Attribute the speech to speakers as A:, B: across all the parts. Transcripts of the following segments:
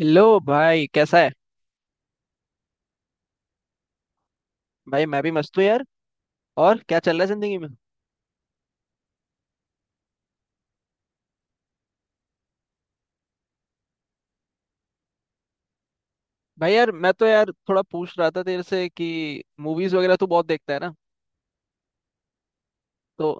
A: Hello भाई, कैसा है? भाई मैं भी मस्त हूँ यार। और क्या चल रहा है जिंदगी में? भाई यार, मैं तो यार थोड़ा पूछ रहा था तेरे से कि मूवीज वगैरह तू बहुत देखता है ना। तो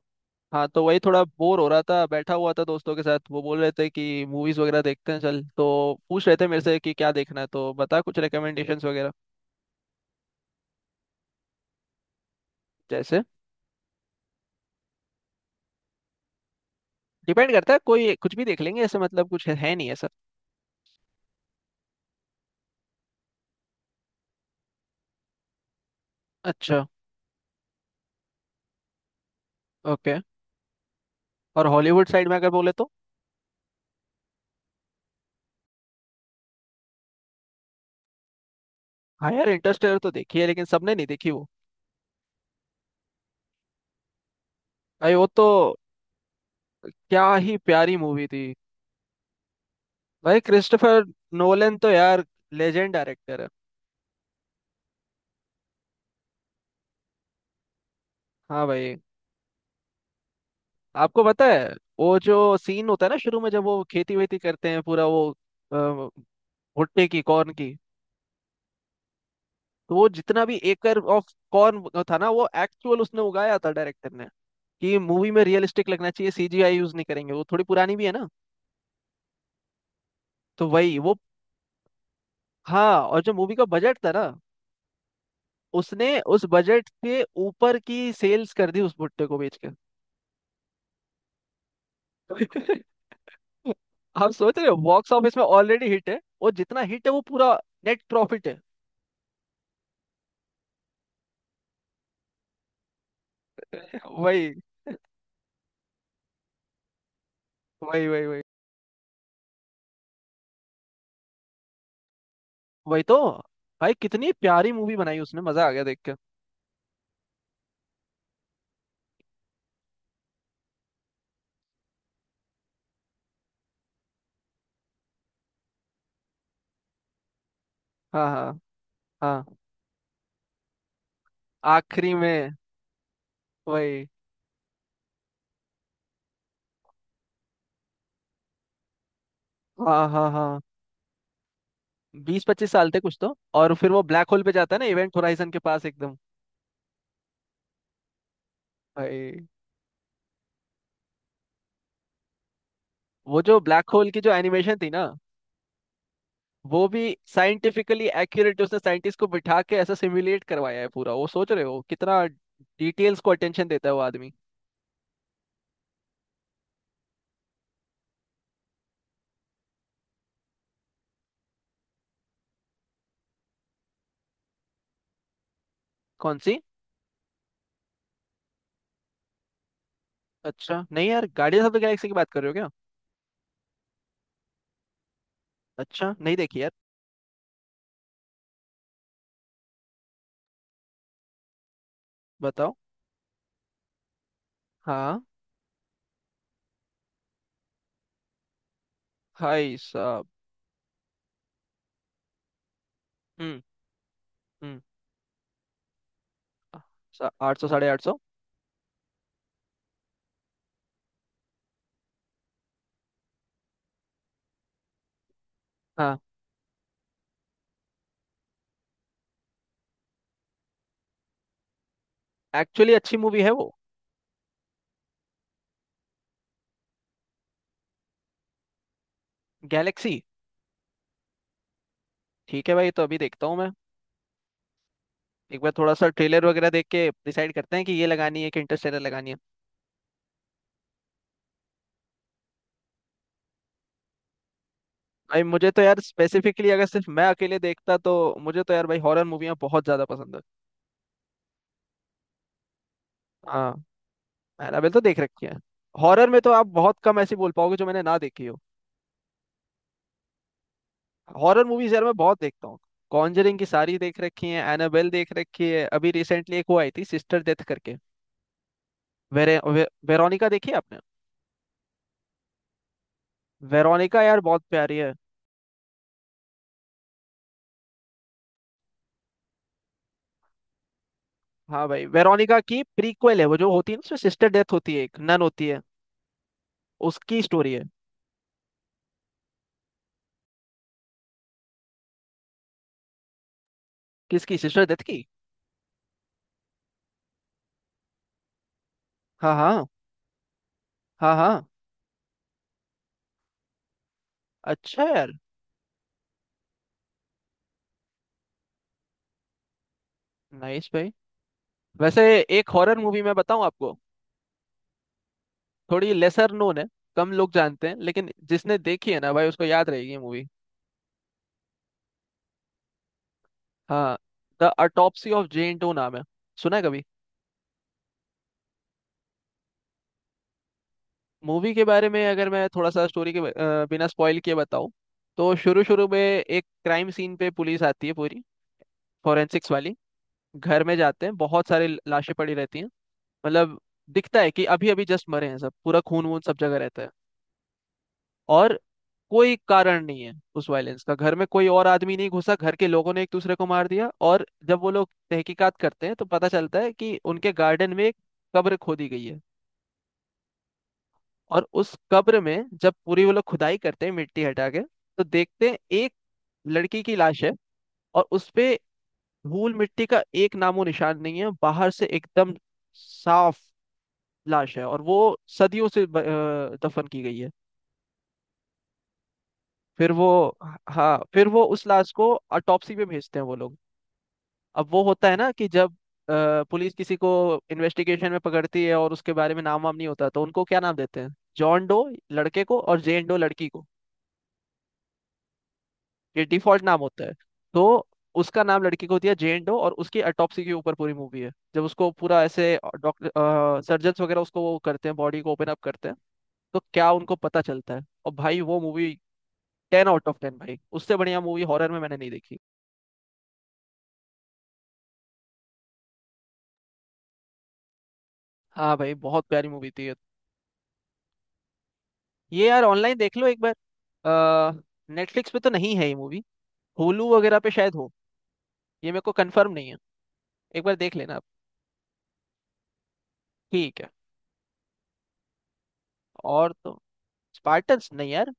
A: हाँ, तो वही थोड़ा बोर हो रहा था, बैठा हुआ था दोस्तों के साथ, वो बोल रहे थे कि मूवीज वगैरह देखते हैं चल, तो पूछ रहे थे मेरे से कि क्या देखना है, तो बता कुछ रिकमेंडेशंस वगैरह। जैसे? डिपेंड करता है, कोई कुछ भी देख लेंगे ऐसे, मतलब कुछ है नहीं ऐसा। अच्छा। ओके। और हॉलीवुड साइड में अगर बोले तो? हाँ यार, इंटरस्टेलर तो देखी है लेकिन सबने नहीं देखी वो। भाई वो तो क्या ही प्यारी मूवी थी। भाई क्रिस्टोफर नोलन तो यार लेजेंड डायरेक्टर है। हाँ भाई। आपको पता है, वो जो सीन होता है ना शुरू में जब वो खेती वेती करते हैं पूरा, वो भुट्टे की, कॉर्न की, तो वो जितना भी एकर ऑफ कॉर्न था ना, वो एक्चुअल उसने उगाया था डायरेक्टर ने, कि मूवी में रियलिस्टिक लगना चाहिए, सीजीआई यूज नहीं करेंगे। वो थोड़ी पुरानी भी है ना, तो वही वो। हाँ, और जो मूवी का बजट था ना, उसने उस बजट के ऊपर की सेल्स कर दी उस भुट्टे को बेच के। आप सोच रहे हो बॉक्स ऑफिस में ऑलरेडी हिट है, और जितना हिट है वो पूरा नेट प्रॉफिट है। वही वही वही वही वही तो। भाई कितनी प्यारी मूवी बनाई उसने, मजा आ गया देख के। हाँ हाँ हाँ। आखिरी में वही। हाँ हाँ हाँ। 20-25 साल थे कुछ तो, और फिर वो ब्लैक होल पे जाता है ना, इवेंट होराइजन के पास एकदम। भाई वो जो ब्लैक होल की जो एनिमेशन थी ना, वो भी साइंटिफिकली एक्यूरेट, उसने साइंटिस्ट को बिठा के ऐसा सिमुलेट करवाया है पूरा। वो सोच रहे हो कितना डिटेल्स को अटेंशन देता है वो आदमी। कौन सी? अच्छा, नहीं यार, गार्डियंस ऑफ द गैलेक्सी की बात कर रहे हो क्या? अच्छा, नहीं देखी यार। बताओ। हाँ। हाय साहब। हम्म। हम्म। 800, 850। हाँ। एक्चुअली अच्छी मूवी है वो। गैलेक्सी। ठीक है भाई, तो अभी देखता हूँ मैं, एक बार थोड़ा सा ट्रेलर वगैरह देख के डिसाइड करते हैं कि ये लगानी है कि इंटरस्टेलर लगानी है। भाई मुझे तो यार स्पेसिफिकली अगर सिर्फ मैं अकेले देखता तो मुझे तो यार भाई हॉरर मूवियाँ बहुत ज़्यादा पसंद है। हाँ। एनाबेल तो देख रखी है। हॉरर में तो आप बहुत कम ऐसी बोल पाओगे जो मैंने ना देखी हो। हॉरर मूवीज यार मैं बहुत देखता हूँ। कॉन्जरिंग की सारी देख रखी है, एनाबेल देख रखी है, अभी रिसेंटली एक वो आई थी सिस्टर डेथ करके। वेरोनिका देखी है आपने? वेरोनिका यार बहुत प्यारी है। हाँ भाई, वेरोनिका की प्रीक्वल है वो जो होती है ना, उसमें सिस्टर डेथ होती है, एक नन होती है, उसकी स्टोरी है। किसकी? सिस्टर डेथ की। हाँ हाँ। हाँ हाँ। अच्छा यार। नाइस भाई। वैसे एक हॉरर मूवी मैं बताऊँ आपको? थोड़ी लेसर नोन है, कम लोग जानते हैं, लेकिन जिसने देखी है ना भाई, उसको याद रहेगी मूवी। हाँ। The Autopsy of Jane Doe नाम है, सुना है कभी? मूवी के बारे में अगर मैं थोड़ा सा स्टोरी के बिना स्पॉइल किए बताऊं, तो शुरू शुरू में एक क्राइम सीन पे पुलिस आती है पूरी फॉरेंसिक्स वाली, घर में जाते हैं, बहुत सारी लाशें पड़ी रहती हैं। मतलब दिखता है कि अभी अभी जस्ट मरे हैं सब, पूरा खून वून सब जगह रहता है। और कोई कारण नहीं है उस वायलेंस का, घर में कोई और आदमी नहीं घुसा, घर के लोगों ने एक दूसरे को मार दिया, और जब वो लोग तहकीकात करते हैं तो पता चलता है कि उनके गार्डन में एक कब्र खोदी गई है। और उस कब्र में जब पूरी वो लोग खुदाई करते हैं मिट्टी हटा के, तो देखते हैं एक लड़की की लाश है, और उस पे धूल मिट्टी का एक नामो निशान नहीं है, बाहर से एकदम साफ लाश है, और वो सदियों से दफन की गई है। फिर वो, हाँ फिर वो उस लाश को ऑटोप्सी पे भेजते हैं वो लोग। अब वो होता है ना कि जब पुलिस किसी को इन्वेस्टिगेशन में पकड़ती है और उसके बारे में नाम वाम नहीं होता, तो उनको क्या नाम देते हैं? जॉन डो लड़के को, और जेन डो लड़की को। ये डिफॉल्ट नाम होता है। तो उसका नाम लड़की को दिया जेन डो, और उसकी अटॉप्सी के ऊपर पूरी मूवी है। जब उसको पूरा ऐसे डॉक्टर सर्जन्स वगैरह उसको वो करते हैं, बॉडी को ओपन अप करते हैं, तो क्या उनको पता चलता है, और भाई वो मूवी 10/10। भाई उससे बढ़िया मूवी हॉरर में मैंने नहीं देखी। हाँ भाई, बहुत प्यारी मूवी थी ये। ये यार ऑनलाइन देख लो एक बार, नेटफ्लिक्स पे तो नहीं है ये मूवी, होलू वगैरह पे शायद हो, ये मेरे को कंफर्म नहीं है। एक बार देख लेना आप। ठीक है। और तो? स्पार्टन्स नहीं यार।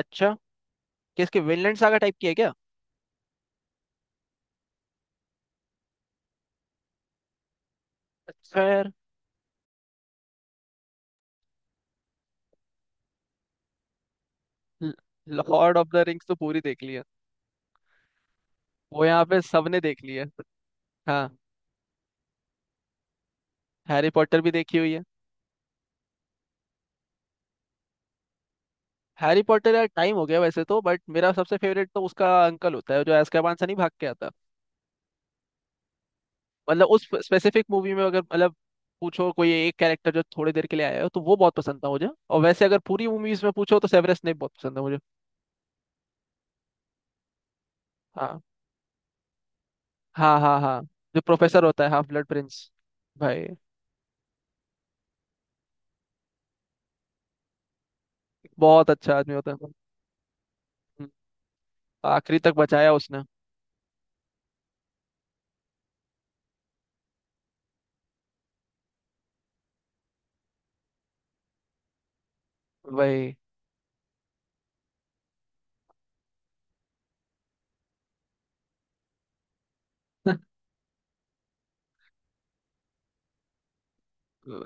A: अच्छा, किसके विनलैंड सागा टाइप की है क्या? खैर। लॉर्ड ऑफ द रिंग्स तो पूरी देख ली है। वो यहाँ पे सबने देख ली है। हाँ। हैरी पॉटर भी देखी हुई है। हैरी पॉटर यार टाइम हो गया वैसे तो, बट मेरा सबसे फेवरेट तो उसका अंकल होता है जो एazkaban से नहीं भाग के आता। मतलब उस स्पेसिफिक मूवी में अगर, मतलब पूछो कोई एक कैरेक्टर जो थोड़ी देर के लिए आया हो, तो वो बहुत पसंद था मुझे। और वैसे अगर पूरी मूवीज में पूछो तो सेवेरस स्नेप बहुत पसंद है मुझे। हाँ हाँ। हाँ हाँ। जो प्रोफेसर होता है, हाफ ब्लड प्रिंस। भाई। बहुत अच्छा आदमी होता है। हम्म। आखिरी तक बचाया उसने। वही।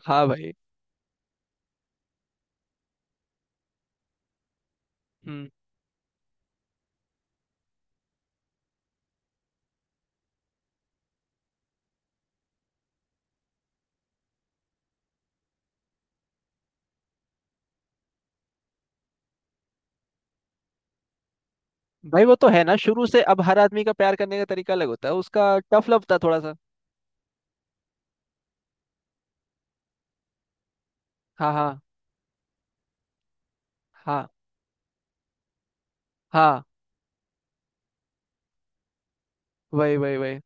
A: हाँ भाई। हम्म। भाई वो तो है ना, शुरू से अब हर आदमी का प्यार करने का तरीका अलग होता है, उसका टफ लव था थोड़ा सा। हाँ हाँ। हाँ हाँ। वही वही वही।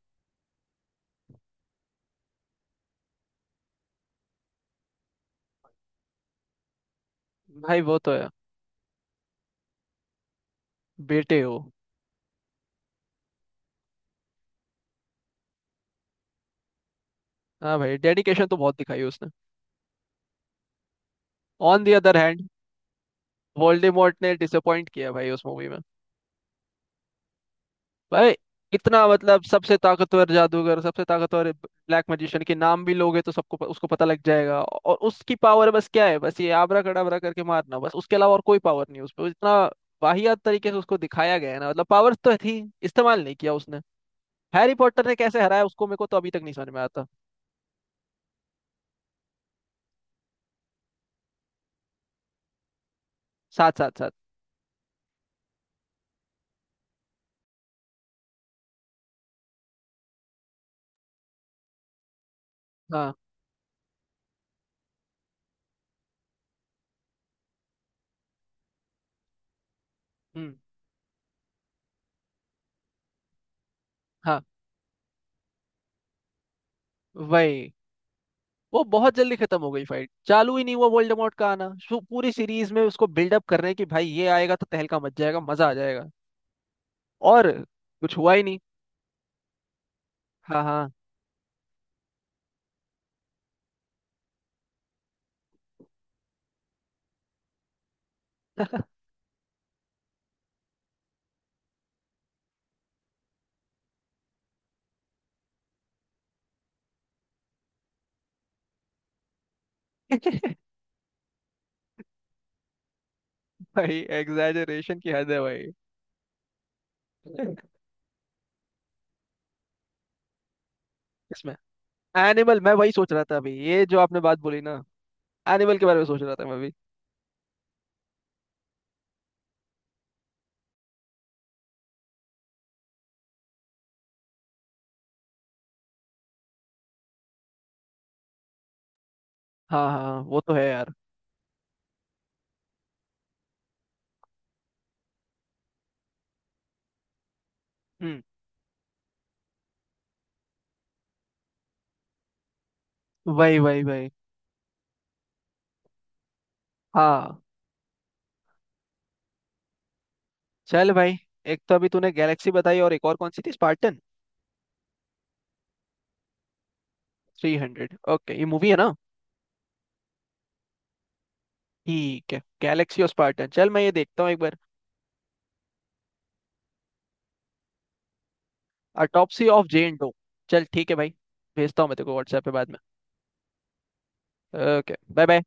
A: भाई वो तो है। बेटे हो। हाँ भाई, डेडिकेशन तो बहुत दिखाई उसने। On the other hand Voldemort ने डिसअपॉइंट किया भाई उस मूवी में। भाई इतना, मतलब सबसे ताकतवर जादूगर, सबसे ताकतवर ब्लैक मैजिशियन के नाम भी लोगे तो सबको उसको पता लग जाएगा, और उसकी पावर बस क्या है, बस ये आबरा कड़ाबरा करके मारना बस, उसके अलावा और कोई पावर नहीं। उस पर इतना वाहियात तरीके से उसको दिखाया गया है ना, मतलब पावर तो थी, इस्तेमाल नहीं किया उसने। हैरी पॉटर ने कैसे हराया उसको, मेरे को तो अभी तक नहीं समझ में आता। साथ साथ साथ। हाँ। हम्म। हाँ। वही। वो बहुत जल्दी खत्म हो गई, फाइट चालू ही नहीं हुआ। वोल्डेमॉर्ट का आना, पूरी सीरीज में उसको बिल्डअप कर रहे हैं कि भाई ये आएगा तो तहलका मच जाएगा, मजा आ जाएगा। और कुछ हुआ ही नहीं। हाँ हाँ। भाई एग्जैजरेशन की हद है भाई। इसमें। एनिमल, मैं वही सोच रहा था अभी ये जो आपने बात बोली ना, एनिमल के बारे में सोच रहा था मैं अभी। हाँ हाँ, वो तो है यार। हम्म। वही वही वही। हाँ। चल भाई, एक तो अभी तूने गैलेक्सी बताई और एक और कौन सी थी? स्पार्टन? 300? ओके, ये मूवी है ना? ठीक है, गैलेक्सी और स्पार्टन, चल मैं ये देखता हूँ एक बार। Autopsy of Jane Doe. चल ठीक है भाई, भेजता हूँ मैं तेरे को व्हाट्सएप पे बाद में। Okay bye bye.